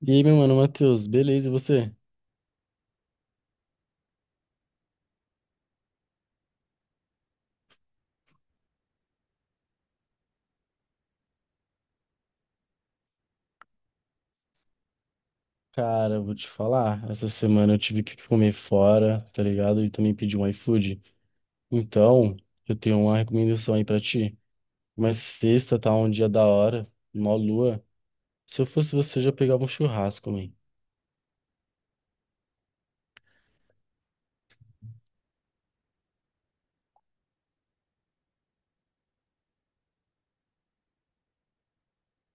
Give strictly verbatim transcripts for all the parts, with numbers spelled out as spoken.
E aí, meu mano, Matheus, beleza, e você? Cara, eu vou te falar, essa semana eu tive que comer fora, tá ligado? E também pedi um iFood. Então, eu tenho uma recomendação aí pra ti. Mas sexta tá um dia da hora, mó lua. Se eu fosse você, eu já pegava um churrasco, man.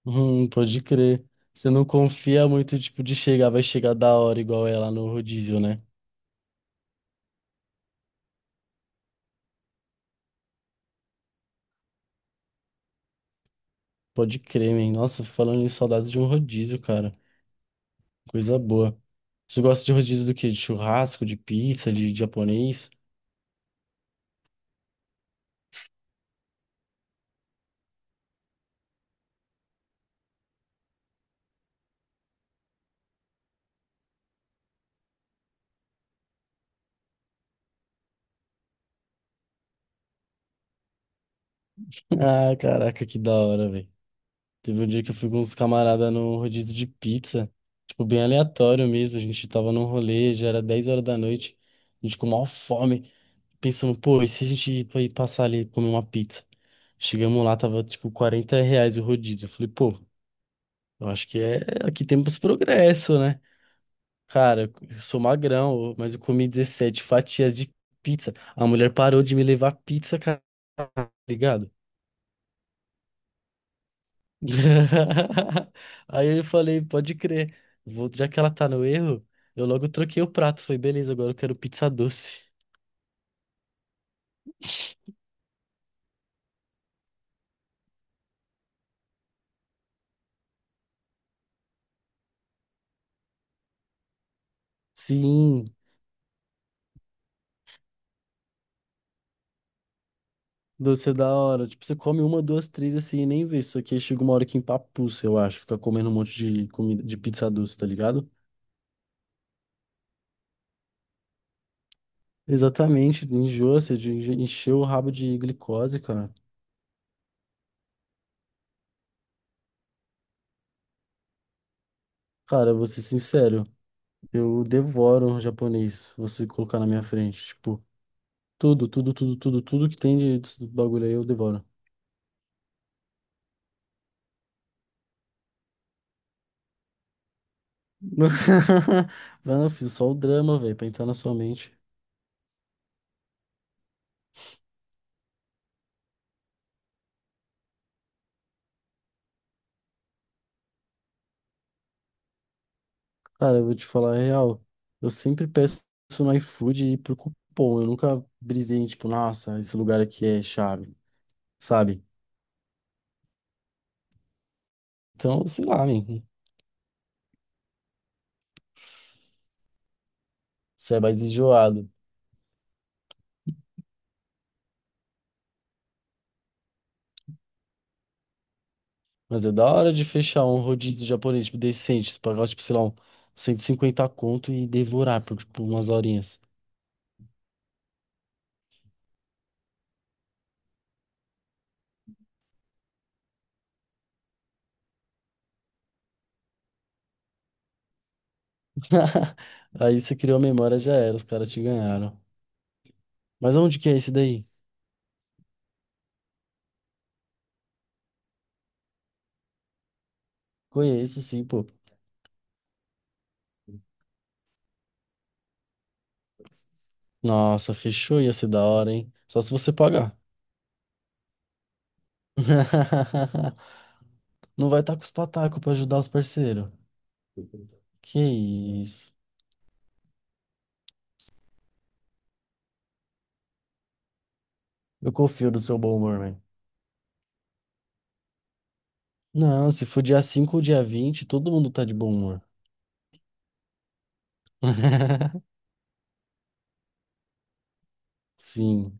Hum, pode crer. Você não confia muito, tipo, de chegar, vai chegar da hora igual é lá no rodízio, né? Pode crer, man. Nossa, falando em saudades de um rodízio, cara. Coisa boa. Você gosta de rodízio do quê? De churrasco, de pizza, de japonês? Ah, caraca, que da hora, velho. Teve um dia que eu fui com uns camaradas no rodízio de pizza. Tipo, bem aleatório mesmo. A gente tava num rolê, já era dez horas da noite. A gente com maior fome. Pensando, pô, e se a gente ir pra- ir passar ali e comer uma pizza? Chegamos lá, tava tipo quarenta reais o rodízio. Eu falei, pô, eu acho que é. Aqui temos progresso, né? Cara, eu sou magrão, mas eu comi dezessete fatias de pizza. A mulher parou de me levar pizza, cara, tá ligado? Aí eu falei, pode crer. Vou, já que ela tá no erro, eu logo troquei o prato. Falei, beleza, agora eu quero pizza doce. Sim, doce é da hora. Tipo, você come uma, duas, três assim e nem vê. Só que aí chega uma hora que empapuça, eu acho. Fica comendo um monte de comida de pizza doce, tá ligado? Exatamente, enjoa, você enche- encheu o rabo de glicose, cara. Cara, eu vou ser sincero. Eu devoro japonês, você colocar na minha frente. Tipo, tudo, tudo, tudo, tudo, tudo que tem de desse bagulho aí eu devoro. Mano, eu fiz só o drama, velho, pra entrar na sua mente. Cara, eu vou te falar a real. Eu sempre peço no iFood e pro cupom. Eu nunca brisei em, tipo, nossa, esse lugar aqui é chave, sabe? Então, sei lá, man, você é mais enjoado. Mas é da hora de fechar um rodízio japonês, tipo, decente. Você Pagar, tipo, sei lá, um cento e cinquenta conto e devorar por, tipo, umas horinhas. Aí você criou a memória, já era, os caras te ganharam. Mas onde que é esse daí? Conheço, sim, pô. Nossa, fechou, ia ser da hora, hein? Só se você pagar. Não vai estar com os patacos pra ajudar os parceiros. Que isso. Eu confio no seu bom humor, velho. Não, se for dia cinco ou dia vinte, todo mundo tá de bom humor. Sim,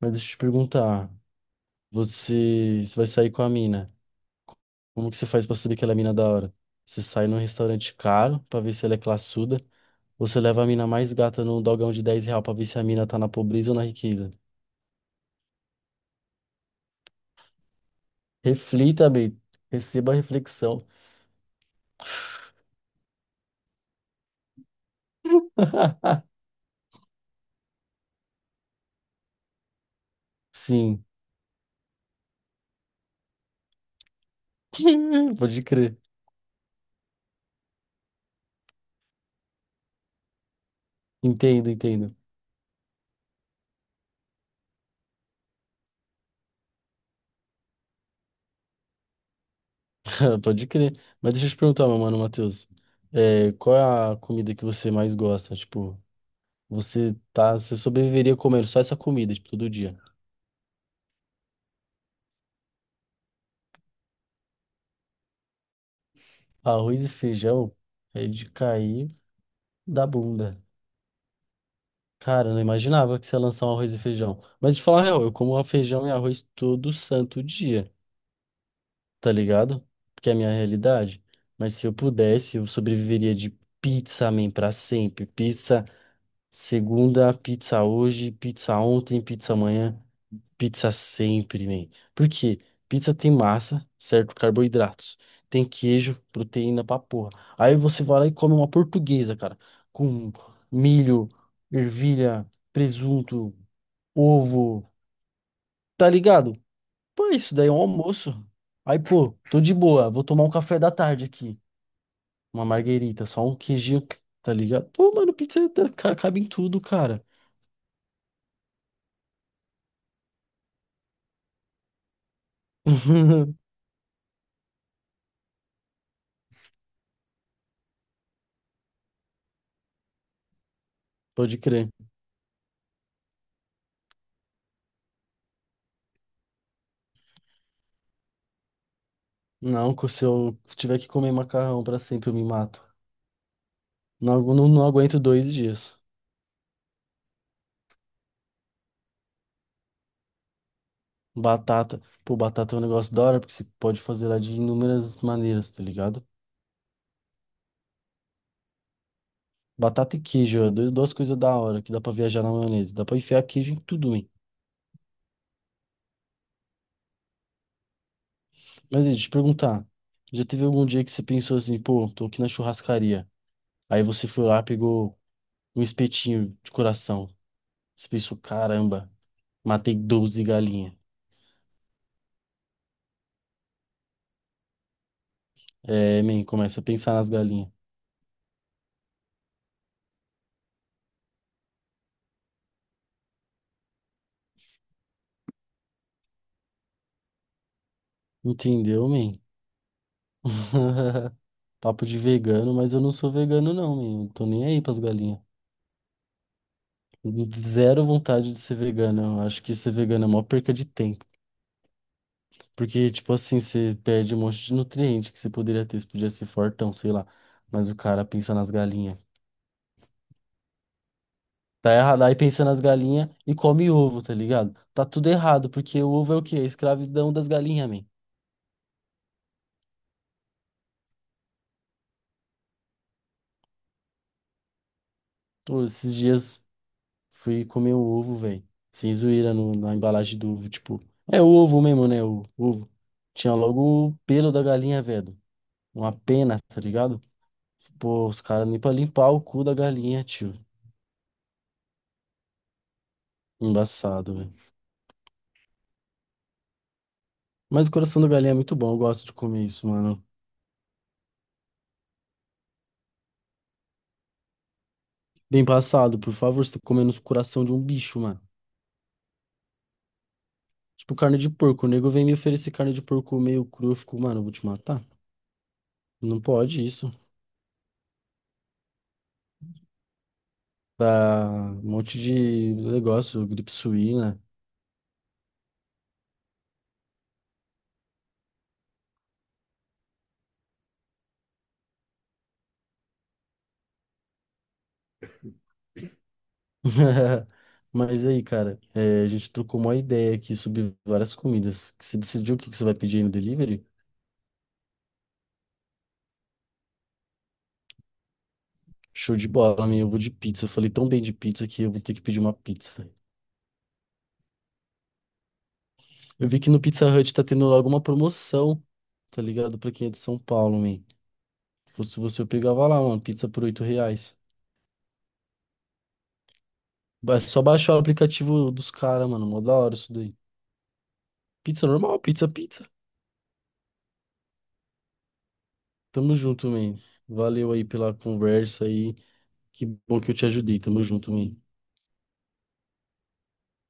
mas deixa eu te perguntar. Você, você vai sair com a mina? Como que você faz pra saber que ela é mina da hora? Você sai num restaurante caro pra ver se ela é classuda, ou você leva a mina mais gata num dogão de dez real pra ver se a mina tá na pobreza ou na riqueza? Reflita, bem, receba a reflexão. Sim, pode crer. Entendo, entendo. Pode crer. Mas deixa eu te perguntar, meu mano, Matheus, é, qual é a comida que você mais gosta? Tipo, você tá, você sobreviveria comendo só essa comida, tipo, todo dia. Arroz e feijão é de cair da bunda. Cara, eu não imaginava que você ia lançar um arroz e feijão. Mas de falar a real, eu como feijão e arroz todo santo dia, tá ligado? Porque é a minha realidade. Mas se eu pudesse, eu sobreviveria de pizza, man, pra sempre. Pizza segunda, pizza hoje, pizza ontem, pizza amanhã, pizza sempre, man. Por quê? Pizza tem massa, certo? Carboidratos. Tem queijo, proteína pra porra. Aí você vai lá e come uma portuguesa, cara, com milho, ervilha, presunto ovo, tá ligado? Pô, isso daí é um almoço. Aí, pô, tô de boa, vou tomar um café da tarde aqui. Uma marguerita, só um queijinho, tá ligado? Pô, mano, pizza tá- ca- cabe em tudo, cara. Pode crer. Não, co- se eu tiver que comer macarrão pra sempre, eu me mato. Não, agu- não, não aguento dois dias. Batata. Pô, batata é um negócio da hora, porque você pode fazer ela de inúmeras maneiras, tá ligado? Batata e queijo, ó, dois- duas coisas da hora que dá pra viajar na maionese. Dá pra enfiar queijo em tudo, man. Mas e, deixa eu te perguntar, já teve algum dia que você pensou assim, pô, tô aqui na churrascaria. Aí você foi lá, pegou um espetinho de coração. Você pensou, caramba, matei doze galinhas. É, man, começa a pensar nas galinhas. Entendeu, man? Papo de vegano, mas eu não sou vegano não, man. Não tô nem aí pras galinhas. Zero vontade de ser vegano. Eu acho que ser vegano é a maior perca de tempo. Porque, tipo assim, você perde um monte de nutriente que você poderia ter. Você podia ser fortão, sei lá. Mas o cara pensa nas galinhas. Tá errado. Aí pensa nas galinhas e come ovo, tá ligado? Tá tudo errado, porque o ovo é o quê? A escravidão das galinhas, man. Pô, esses dias fui comer um ovo, velho. Sem zoeira no, na embalagem do ovo, tipo. É o ovo mesmo, né? O ovo. Tinha logo o pelo da galinha, velho. Uma pena, tá ligado? Pô, os caras nem pra limpar o cu da galinha, tio. Embaçado, velho. Mas o coração da galinha é muito bom, eu gosto de comer isso, mano. Bem passado, por favor, você tá comendo o coração de um bicho, mano. Tipo, carne de porco. O nego vem me oferecer carne de porco meio cru. Eu fico, mano, eu vou te matar. Não pode isso. Dá um monte de negócio, gripe suína. Mas aí, cara, é, a gente trocou uma ideia aqui sobre várias comidas. Você decidiu o que que você vai pedir aí no delivery? Show de bola, minha. Eu vou de pizza. Eu falei tão bem de pizza que eu vou ter que pedir uma pizza. Eu vi que no Pizza Hut tá tendo logo uma promoção, tá ligado? Pra quem é de São Paulo, man. Se fosse você, eu pegava lá, mano, pizza por oito reais. É só baixar o aplicativo dos caras, mano. Mó da hora isso daí. Pizza normal, pizza, pizza. Tamo junto, man. Valeu aí pela conversa aí. Que bom que eu te ajudei. Tamo junto, man.